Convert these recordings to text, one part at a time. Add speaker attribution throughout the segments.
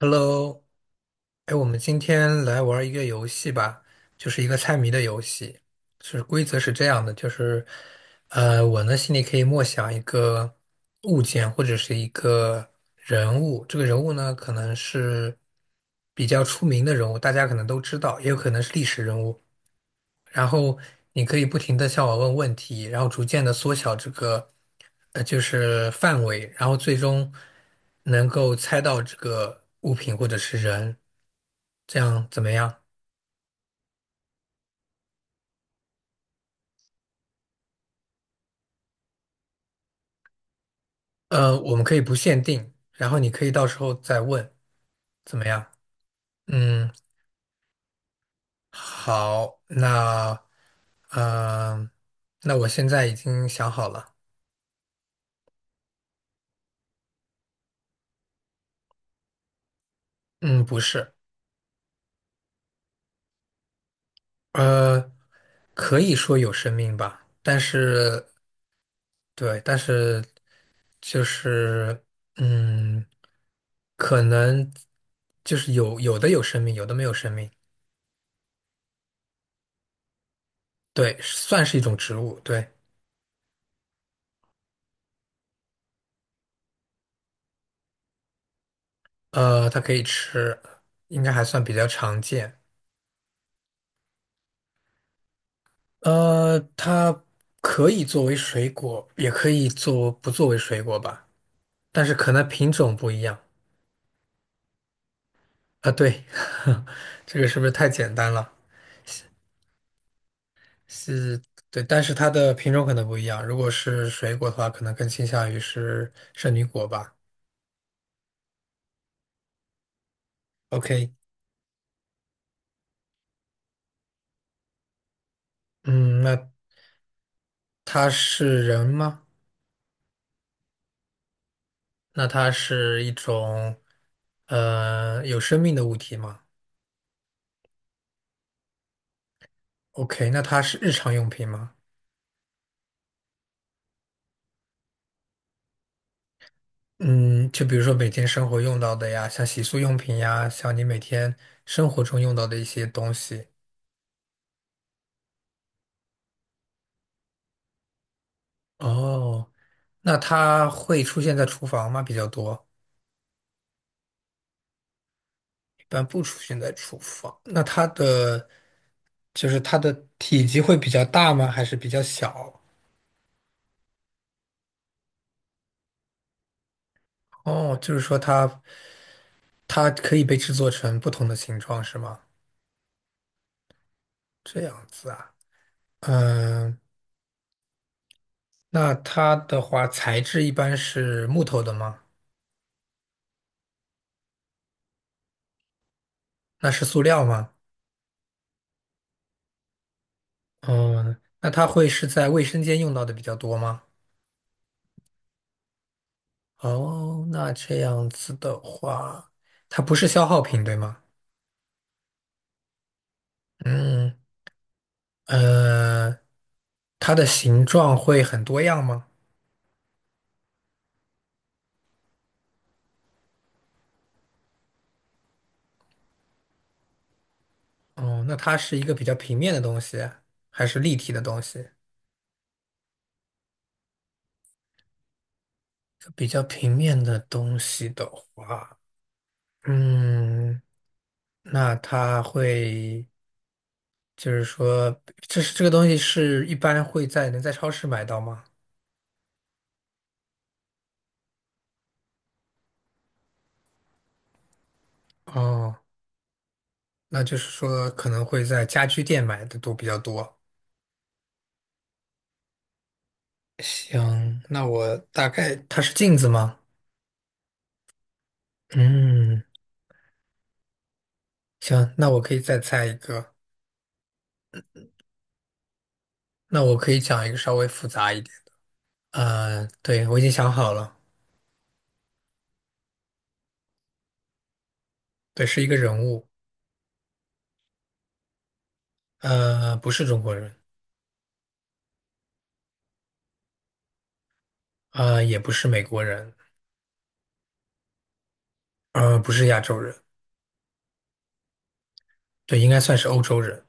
Speaker 1: Hello，哎，我们今天来玩一个游戏吧，就是一个猜谜的游戏。是规则是这样的，就是我呢心里可以默想一个物件或者是一个人物，这个人物呢可能是比较出名的人物，大家可能都知道，也有可能是历史人物。然后你可以不停的向我问问题，然后逐渐的缩小这个就是范围，然后最终能够猜到这个物品或者是人，这样怎么样？我们可以不限定，然后你可以到时候再问，怎么样？嗯，好，嗯、呃那我现在已经想好了。嗯，不是。呃，可以说有生命吧，但是对。但是嗯，可能就是有的有生命，有的没有生命。对，算是一种植物。对，它可以吃，应该还算比较常见。它可以作为水果，也可以做不作为水果吧，但是可能品种不一样啊。对，这个是不是太简单了？是，对，但是它的品种可能不一样。如果是水果的话，可能更倾向于是圣女果吧。OK，嗯，那它是人吗？那它是一种有生命的物体吗？OK，那它是日常用品吗？嗯，就比如说每天生活用到的呀，像洗漱用品呀，像你每天生活中用到的一些东西。哦，那它会出现在厨房吗？比较多。一般不出现在厨房。那它的就是它的体积会比较大吗？还是比较小？哦，就是说它可以被制作成不同的形状，是吗？这样子啊。嗯，那它的话材质一般是木头的吗？那是塑料吗？哦，那它会是在卫生间用到的比较多吗？哦，那这样子的话，它不是消耗品，对吗？嗯，呃，它的形状会很多样吗？哦，那它是一个比较平面的东西，还是立体的东西？比较平面的东西的话，嗯，那它会，就是说，这个东西是一般会在能在超市买到吗？哦。那就是说可能会在家居店买的都比较多。行，那我大概它是镜子吗？嗯，行，那我可以再猜一个。那我可以讲一个稍微复杂一点。对，我已经想好了。对，是一个人物。不是中国人。也不是美国人。不是亚洲人。对，应该算是欧洲人。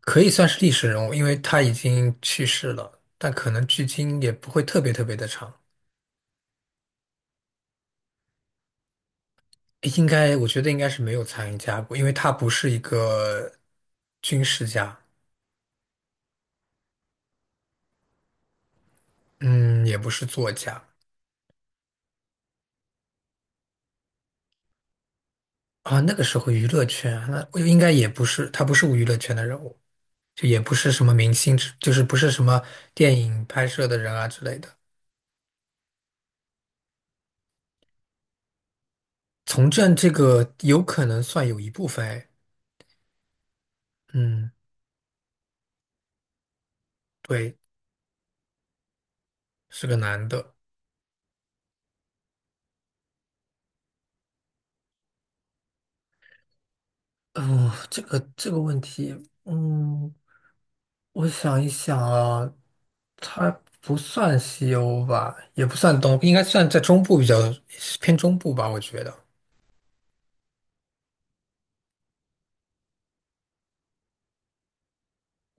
Speaker 1: 可以算是历史人物，因为他已经去世了，但可能距今也不会特别特别的长。应该，我觉得应该是没有参加过，因为他不是一个军事家。嗯，也不是作家啊。那个时候娱乐圈啊，那我应该也不是，他不是娱乐圈的人物，就也不是什么明星之，就是不是什么电影拍摄的人啊之类的。从政这个有可能算有一部分。嗯，对，是个男的。嗯，这个问题，嗯，我想一想啊，它不算西欧吧，也不算东，应该算在中部比较偏中部吧，我觉得。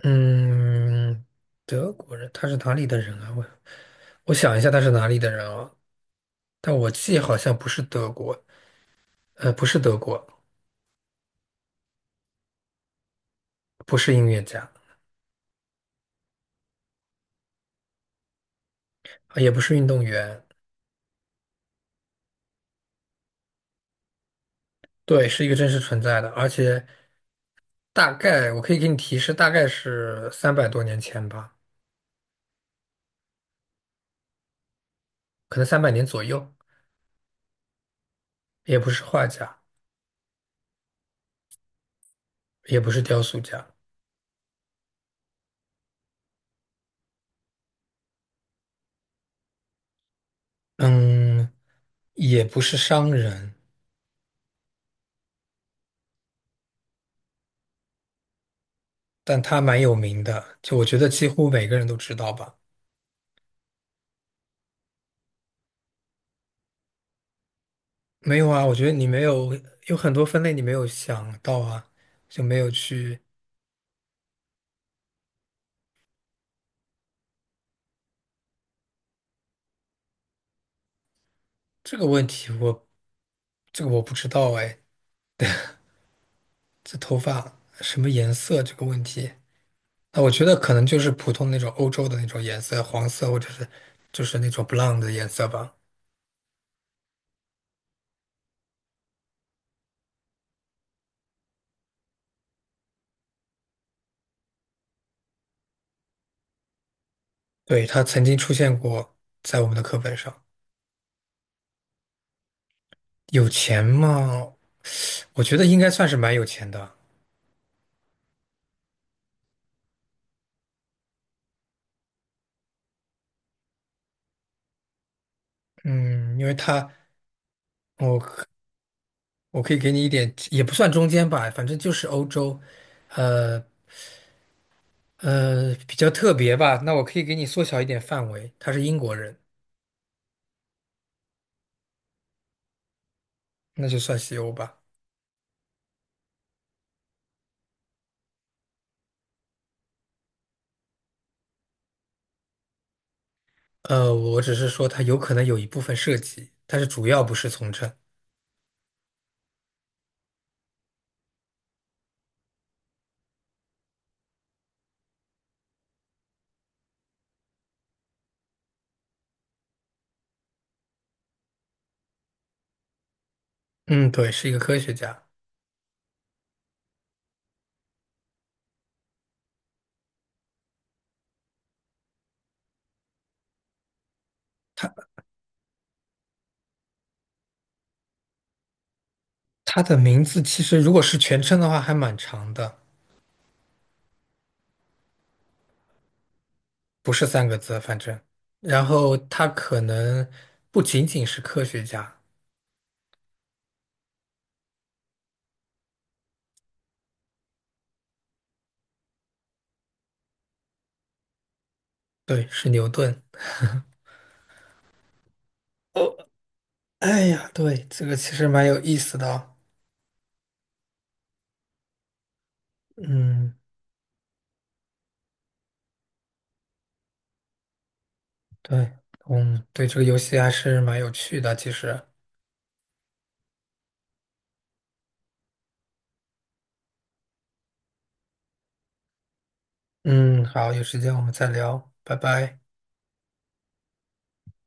Speaker 1: 嗯，德国人，他是哪里的人啊？我想一下，他是哪里的人啊？但我记好像不是德国。不是德国。不是音乐家。啊也不是运动员。对，是一个真实存在的，而且大概我可以给你提示，大概是300多年前吧。可能300年左右。也不是画家。也不是雕塑家。嗯，也不是商人。但他蛮有名的，就我觉得几乎每个人都知道吧。没有啊，我觉得你没有，有很多分类你没有想到啊，就没有去这个问题我，这个我不知道哎，这头发什么颜色这个问题，那我觉得可能就是普通那种欧洲的那种颜色，黄色或者是就是那种 blonde 的颜色吧。对，他曾经出现过在我们的课本上。有钱吗？我觉得应该算是蛮有钱的。嗯，因为他，我可我可以给你一点，也不算中间吧，反正就是欧洲。呃比较特别吧。那我可以给你缩小一点范围，他是英国人。那就算西欧吧。我只是说他有可能有一部分涉及，但是主要不是从政。嗯，对，是一个科学家。他的名字其实如果是全称的话，还蛮长的。不是三个字，反正，然后他可能不仅仅是科学家。对，是牛顿。哦，哎呀，对，这个其实蛮有意思的哦。嗯，对，嗯，对，这个游戏还是蛮有趣的，其实。嗯，好，有时间我们再聊，拜拜。